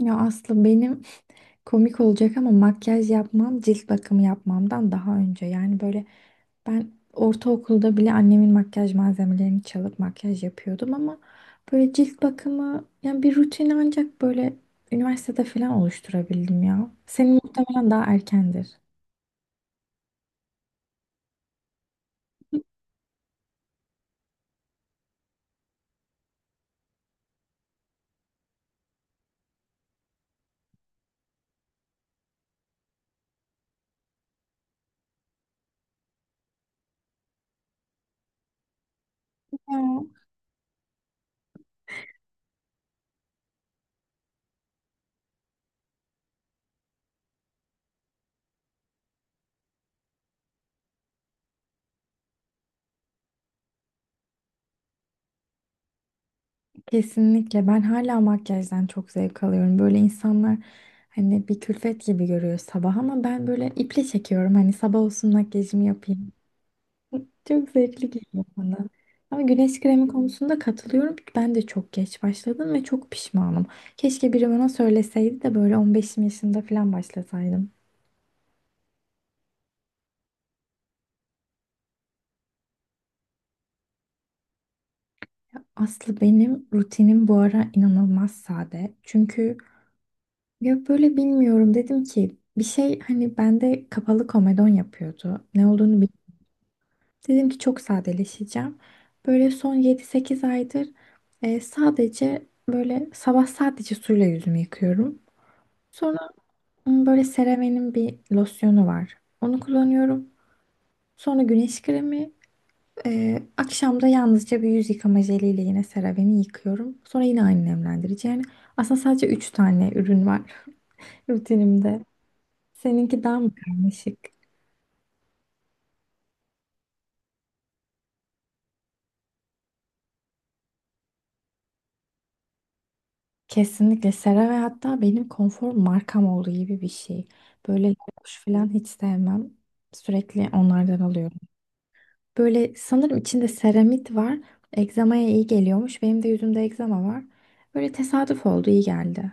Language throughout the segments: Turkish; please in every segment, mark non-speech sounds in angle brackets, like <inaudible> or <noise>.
Ya Aslı benim komik olacak ama makyaj yapmam cilt bakımı yapmamdan daha önce. Yani böyle ben ortaokulda bile annemin makyaj malzemelerini çalıp makyaj yapıyordum ama böyle cilt bakımı yani bir rutin ancak böyle üniversitede falan oluşturabildim ya. Senin muhtemelen daha erkendir. Ya, kesinlikle ben hala makyajdan çok zevk alıyorum. Böyle insanlar hani bir külfet gibi görüyor sabah ama ben böyle iple çekiyorum. Hani sabah olsun makyajımı yapayım. Çok zevkli geliyor bana. Ama güneş kremi konusunda katılıyorum. Ben de çok geç başladım ve çok pişmanım. Keşke biri bana söyleseydi de böyle 15'im yaşında falan başlasaydım. Aslı benim rutinim bu ara inanılmaz sade. Çünkü ya böyle bilmiyorum dedim ki bir şey hani bende kapalı komedon yapıyordu. Ne olduğunu bilmiyorum. Dedim ki çok sadeleşeceğim. Böyle son 7-8 aydır sadece böyle sabah sadece suyla yüzümü yıkıyorum. Sonra böyle CeraVe'nin bir losyonu var. Onu kullanıyorum. Sonra güneş kremi. Akşam da yalnızca bir yüz yıkama jeliyle yine CeraVe'ni yıkıyorum. Sonra yine aynı nemlendirici. Yani aslında sadece 3 tane ürün var <laughs> rutinimde. Seninki daha mı karmaşık? Kesinlikle CeraVe hatta benim konfor markam olduğu gibi bir şey. Böyle kuş falan hiç sevmem. Sürekli onlardan alıyorum. Böyle sanırım içinde seramit var. Egzamaya iyi geliyormuş. Benim de yüzümde egzama var. Böyle tesadüf oldu, iyi geldi.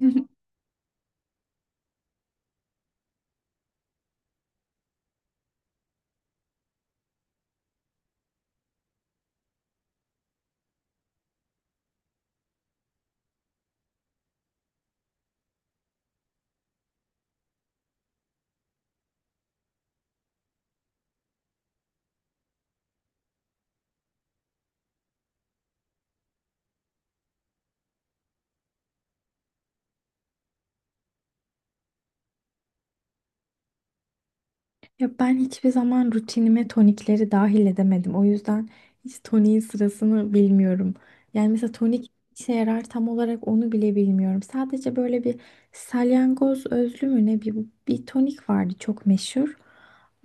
<laughs> Ya ben hiçbir zaman rutinime tonikleri dahil edemedim. O yüzden hiç toniğin sırasını bilmiyorum. Yani mesela tonik işe yarar tam olarak onu bile bilmiyorum. Sadece böyle bir salyangoz özlü mü ne bir, bir tonik vardı çok meşhur.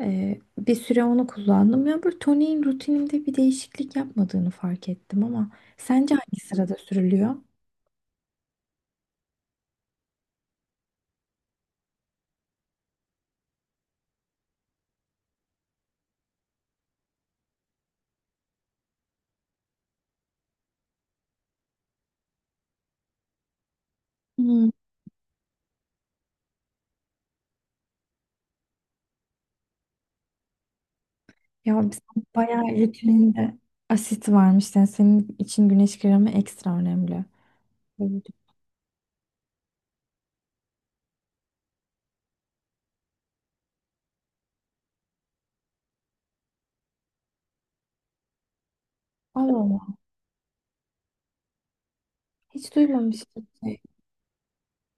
Bir süre onu kullandım. Ya bu toniğin rutinimde bir değişiklik yapmadığını fark ettim ama sence hangi sırada sürülüyor? Hmm. Ya sen bayağı rutininde asit varmış. Yani senin için güneş kremi ekstra önemli. Allah Allah. Hiç duymamıştım.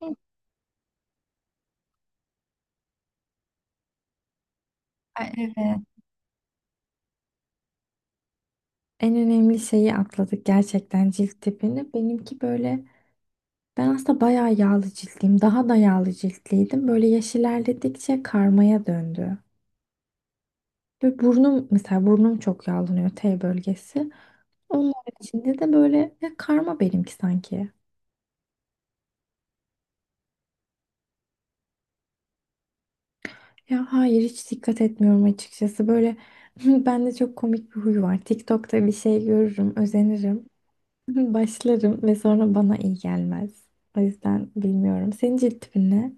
Hı. Ay, evet. En önemli şeyi atladık gerçekten cilt tipini. Benimki böyle ben aslında bayağı yağlı ciltliyim. Daha da yağlı ciltliydim. Böyle yaş ilerledikçe karmaya döndü. Ve burnum mesela burnum çok yağlanıyor T bölgesi. Onun içinde de böyle ya karma benimki sanki. Ya hayır hiç dikkat etmiyorum açıkçası. Böyle <laughs> bende çok komik bir huy var. TikTok'ta bir şey görürüm, özenirim. <laughs> Başlarım ve sonra bana iyi gelmez. O yüzden bilmiyorum. Senin cilt tipin ne?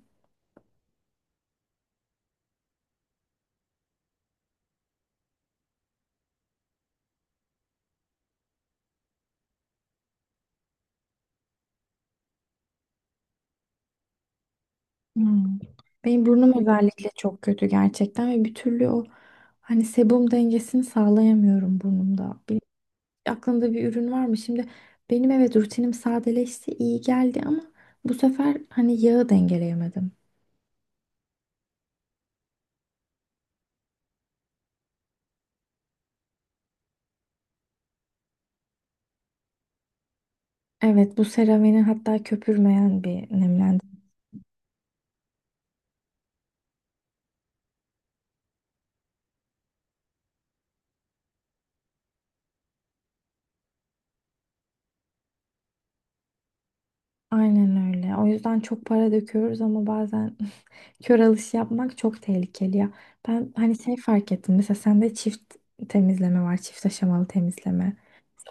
Hmm. Benim burnum özellikle çok kötü gerçekten ve bir türlü o hani sebum dengesini sağlayamıyorum burnumda. Aklında bir ürün var mı? Şimdi benim evet rutinim sadeleşti, iyi geldi ama bu sefer hani yağı dengeleyemedim. Evet bu CeraVe'nin hatta köpürmeyen bir nemlendirici. Aynen öyle. O yüzden çok para döküyoruz ama bazen <laughs> kör alış yapmak çok tehlikeli ya. Ben hani şey fark ettim. Mesela sende çift temizleme var. Çift aşamalı temizleme.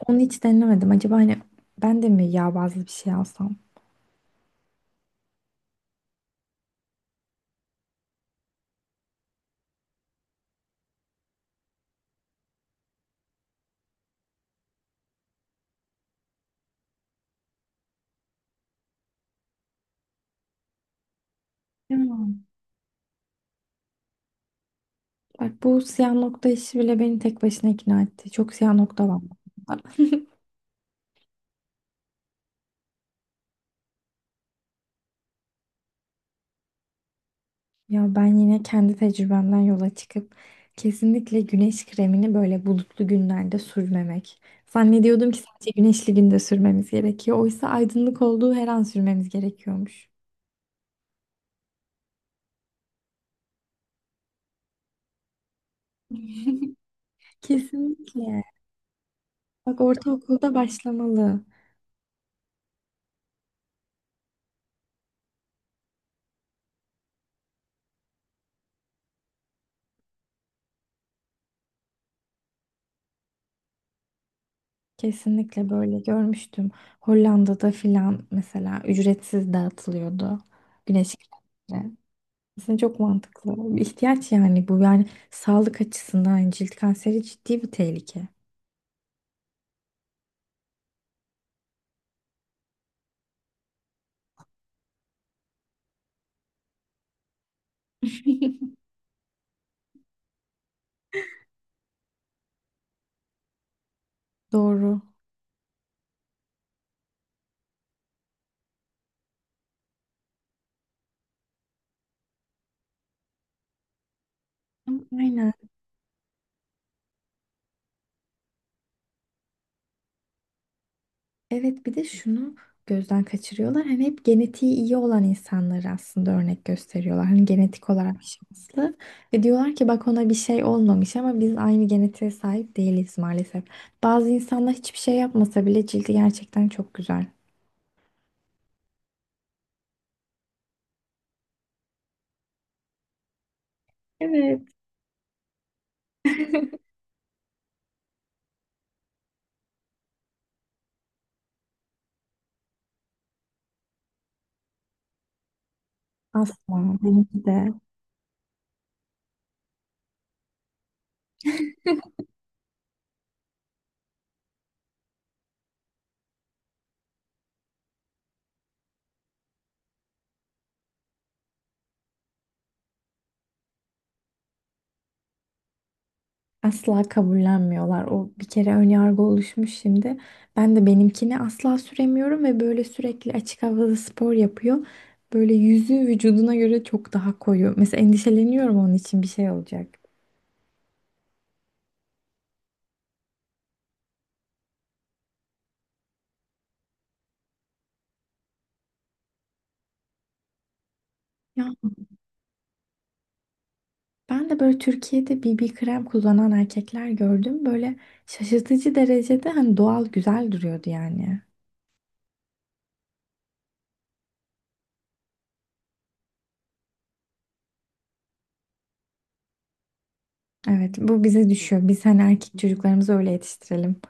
Onu hiç denemedim. Acaba hani ben de mi yağ bazlı bir şey alsam? Ya. Bak bu siyah nokta işi bile beni tek başına ikna etti. Çok siyah nokta var. <laughs> Ya ben yine kendi tecrübemden yola çıkıp kesinlikle güneş kremini böyle bulutlu günlerde sürmemek. Zannediyordum ki sadece güneşli günde sürmemiz gerekiyor. Oysa aydınlık olduğu her an sürmemiz gerekiyormuş. Kesinlikle. Bak ortaokulda başlamalı. Kesinlikle böyle görmüştüm. Hollanda'da filan mesela ücretsiz dağıtılıyordu. Güneş kremleri. Aslında çok mantıklı. Bir ihtiyaç yani bu. Yani sağlık açısından cilt kanseri ciddi bir tehlike. <laughs> Doğru. Aynen. Evet bir de şunu gözden kaçırıyorlar. Hani hep genetiği iyi olan insanları aslında örnek gösteriyorlar. Hani genetik olarak şanslı. Ve diyorlar ki bak ona bir şey olmamış ama biz aynı genetiğe sahip değiliz maalesef. Bazı insanlar hiçbir şey yapmasa bile cildi gerçekten çok güzel. Evet. <laughs> Asla. Benimki de. Asla kabullenmiyorlar. O bir kere ön yargı oluşmuş şimdi. Ben de benimkini asla süremiyorum ve böyle sürekli açık havada spor yapıyor. Böyle yüzü vücuduna göre çok daha koyu. Mesela endişeleniyorum onun için bir şey olacak. Ya ben de böyle Türkiye'de BB krem kullanan erkekler gördüm. Böyle şaşırtıcı derecede hani doğal güzel duruyordu yani. Evet bu bize düşüyor. Biz hani erkek çocuklarımızı öyle yetiştirelim.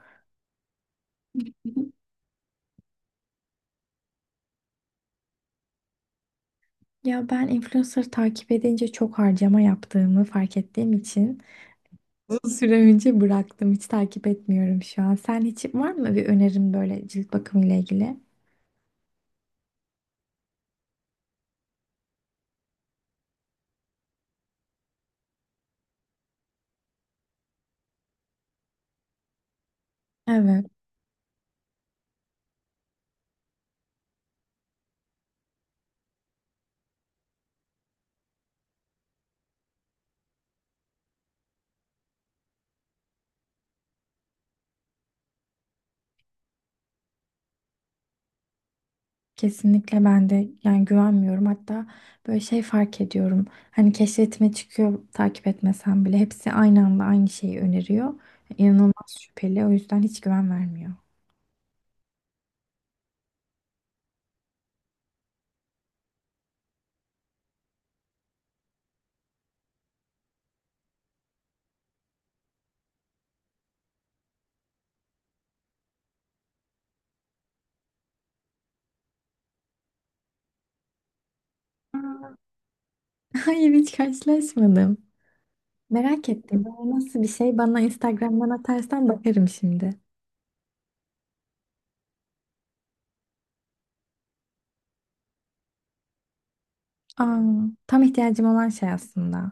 Ya ben influencer takip edince çok harcama yaptığımı fark ettiğim için süre önce bıraktım. Hiç takip etmiyorum şu an. Sen hiç var mı bir önerin böyle cilt bakımı ile ilgili? Evet, kesinlikle ben de yani güvenmiyorum. Hatta böyle şey fark ediyorum. Hani keşfetime çıkıyor takip etmesem bile hepsi aynı anda aynı şeyi öneriyor. İnanılmaz şüpheli. O yüzden hiç güven vermiyor. Aa. <laughs> Hayır hiç karşılaşmadım. Merak ettim. Bu nasıl bir şey? Bana Instagram'dan atarsan bakarım şimdi. Aa, tam ihtiyacım olan şey aslında.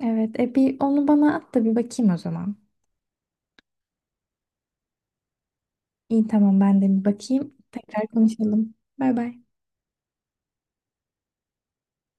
Evet, bir onu bana at da bir bakayım o zaman. İyi tamam ben de bir bakayım. Tekrar konuşalım. Bay bay.